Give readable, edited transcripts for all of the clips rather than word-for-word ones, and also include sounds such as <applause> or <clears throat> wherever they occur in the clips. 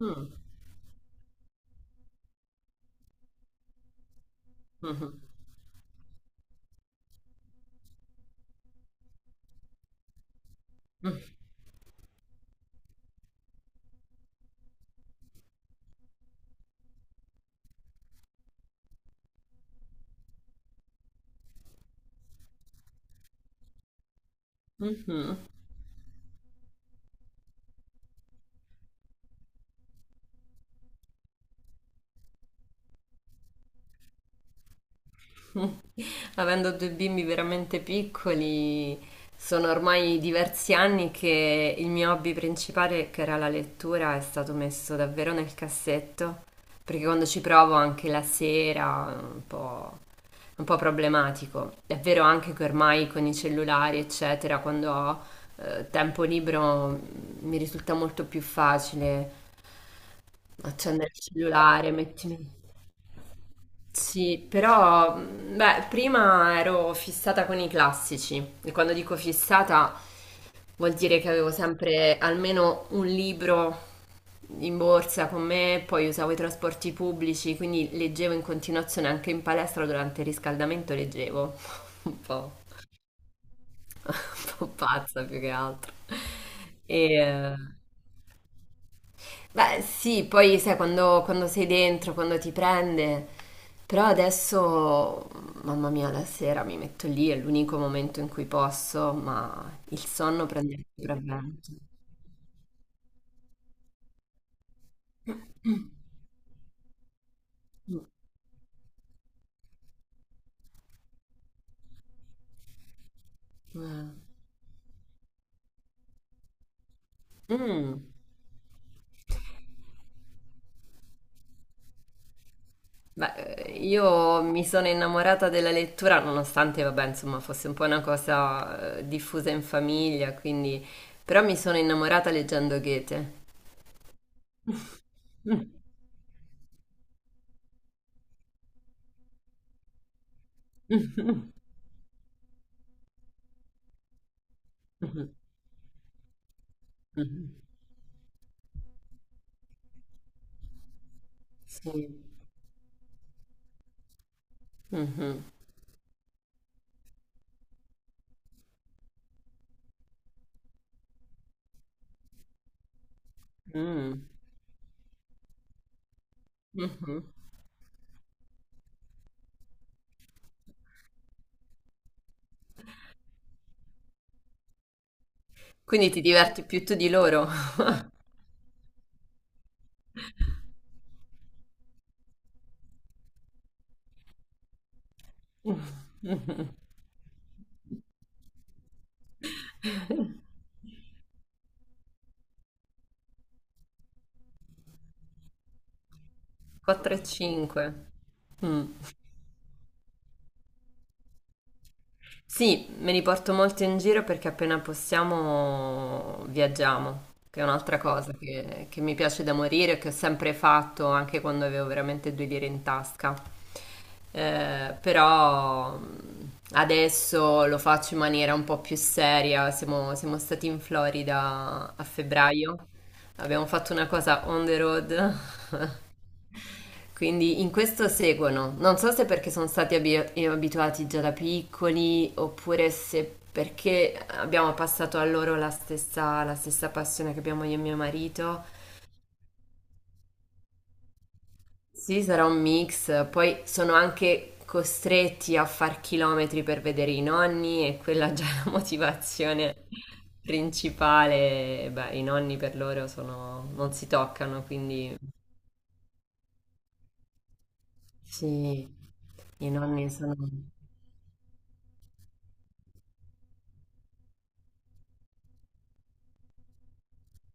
Mm, mhm, mhm, mhm. Avendo due bimbi veramente piccoli, sono ormai diversi anni che il mio hobby principale, che era la lettura, è stato messo davvero nel cassetto, perché quando ci provo anche la sera, è un po' problematico. È vero anche che ormai con i cellulari, eccetera, quando ho tempo libero mi risulta molto più facile accendere il cellulare, mettimi... Sì, però beh, prima ero fissata con i classici e quando dico fissata vuol dire che avevo sempre almeno un libro in borsa con me, poi usavo i trasporti pubblici, quindi leggevo in continuazione anche in palestra durante il riscaldamento leggevo. <laughs> Un po', un po' pazza più che altro. E, eh, Beh, sì, poi sai quando sei dentro, quando ti prende. Però adesso, mamma mia, la sera mi metto lì, è l'unico momento in cui posso, ma il sonno prende il sopravvento. <clears throat> Eh. Mm. Beh, io mi sono innamorata della lettura, nonostante, vabbè, insomma, fosse un po' una cosa diffusa in famiglia, quindi... Però mi sono innamorata leggendo Goethe. <laughs> Sì. Mh-mh. Mh. Mh-mh. Quindi ti diverti più tu di loro. <laughs> Mh-mh. 4 e 5. Mh. Sì, me li porto molto in giro perché appena possiamo viaggiamo, che è un'altra cosa che mi piace da morire, che ho sempre fatto anche quando avevo veramente due lire in tasca. Però adesso lo faccio in maniera un po' più seria. Siamo stati in Florida a febbraio, abbiamo fatto una cosa on the road. <laughs> Quindi in questo seguono. Non so se perché sono stati abituati già da piccoli oppure se perché abbiamo passato a loro la stessa passione che abbiamo io e mio marito. Sì, sarà un mix. Poi sono anche costretti a far chilometri per vedere i nonni e quella è la motivazione principale. Beh, i nonni per loro sono... non si toccano, quindi sì, i nonni sono...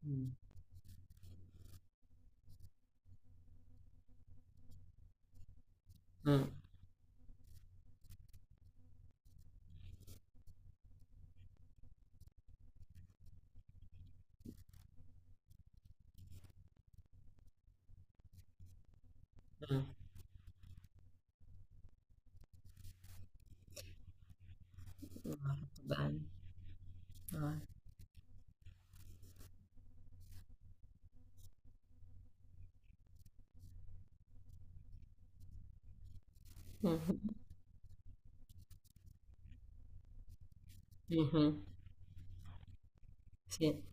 Mm, mm, mm. Ma bello. Dai. Mh-mh. Mh-mh. Sì.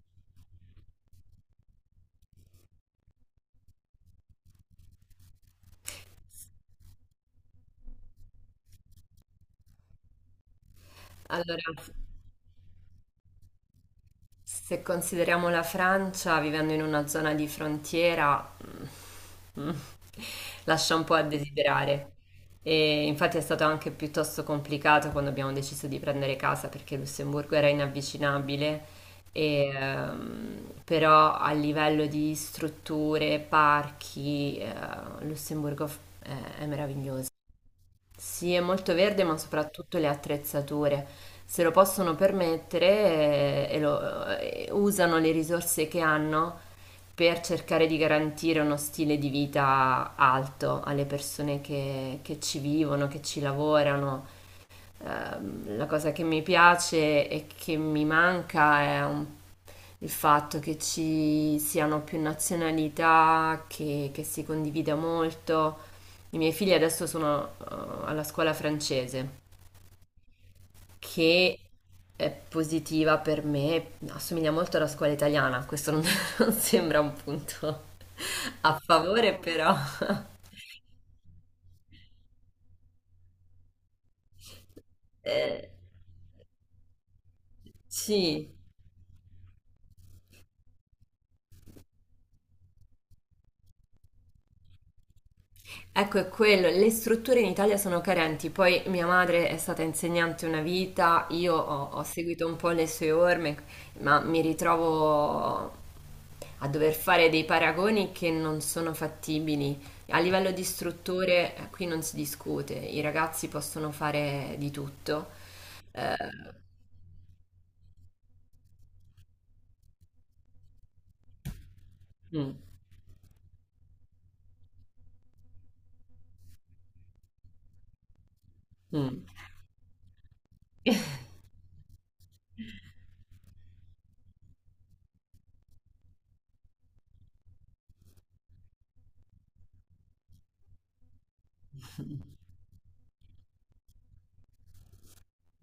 Allora, se consideriamo la Francia, vivendo in una zona di frontiera, mm, mm, lascia un po' a desiderare. E infatti è stato anche piuttosto complicato quando abbiamo deciso di prendere casa perché Lussemburgo era inavvicinabile. E, però a livello di strutture, parchi, Lussemburgo è meraviglioso. Sì, è molto verde, ma soprattutto le attrezzature. Se lo possono permettere, usano le risorse che hanno per cercare di garantire uno stile di vita alto alle persone che ci vivono, che ci lavorano. La cosa che mi piace e che mi manca il fatto che ci siano più nazionalità, che si condivida molto. I miei figli adesso sono alla scuola francese, che è positiva per me, assomiglia molto alla scuola italiana, questo non, <laughs> non sembra un punto a favore, però eh, sì. Ecco, è quello, le strutture in Italia sono carenti, poi mia madre è stata insegnante una vita, io ho seguito un po' le sue orme, ma mi ritrovo a dover fare dei paragoni che non sono fattibili. A livello di strutture qui non si discute, i ragazzi possono fare di tutto. Eh, mm, mm,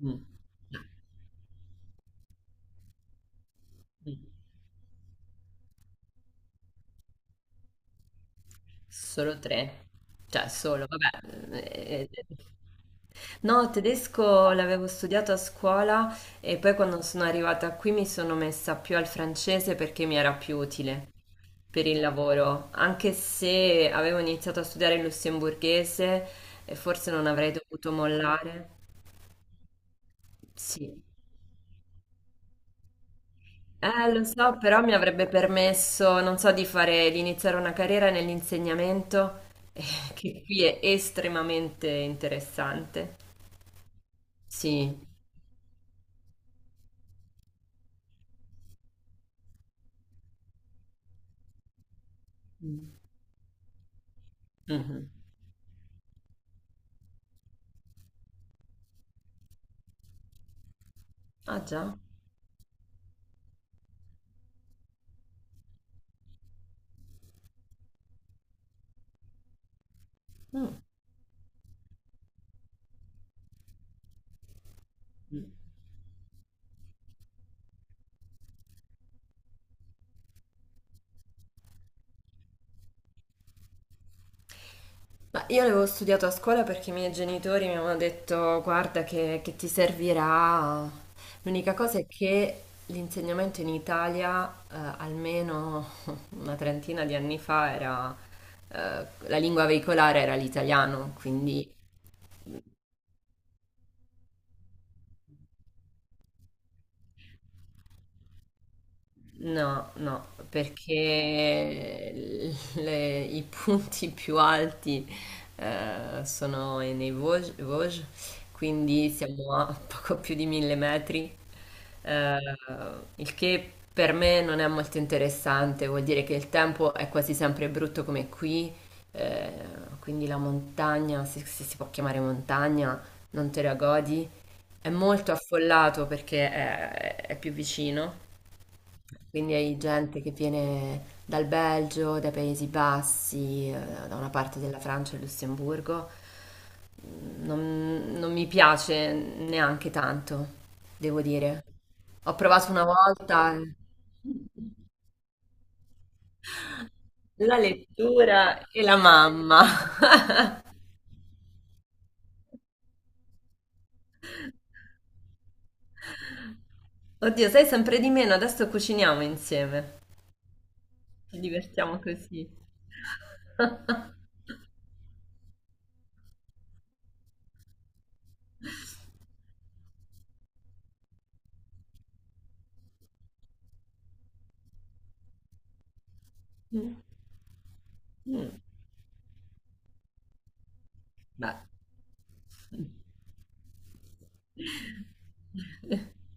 mm. Solo tre? Cioè, solo, vabbè. eh, eh. No, tedesco l'avevo studiato a scuola e poi quando sono arrivata qui mi sono messa più al francese perché mi era più utile per il lavoro, anche se avevo iniziato a studiare il lussemburghese e forse non avrei dovuto mollare. Sì. Lo so, però mi avrebbe permesso, non so, di fare, di iniziare una carriera nell'insegnamento, eh, che qui è estremamente interessante. Sì. Mm. Mhm. Ah già? Mm. Mm. Ma io l'avevo studiato a scuola perché i miei genitori mi avevano detto, guarda che ti servirà. L'unica cosa è che l'insegnamento in Italia, almeno <laughs> una trentina di anni fa, era la lingua veicolare era l'italiano, quindi no, no, perché i punti <laughs> più alti sono nei Vosges, quindi siamo a <laughs> poco più di mille metri, eh, il che per me non è molto interessante, vuol dire che il tempo è quasi sempre brutto come qui, eh, quindi la montagna, se si può chiamare montagna, non te la godi, è molto affollato perché è più vicino. Quindi hai gente che viene dal Belgio, dai Paesi Bassi, da una parte della Francia e Lussemburgo. Non mi piace neanche tanto, devo dire. Ho provato una volta la lettura e la mamma. <laughs> Oddio, sai sempre di meno, adesso cuciniamo insieme. Ci divertiamo così. <laughs> Mm. Beh. <laughs>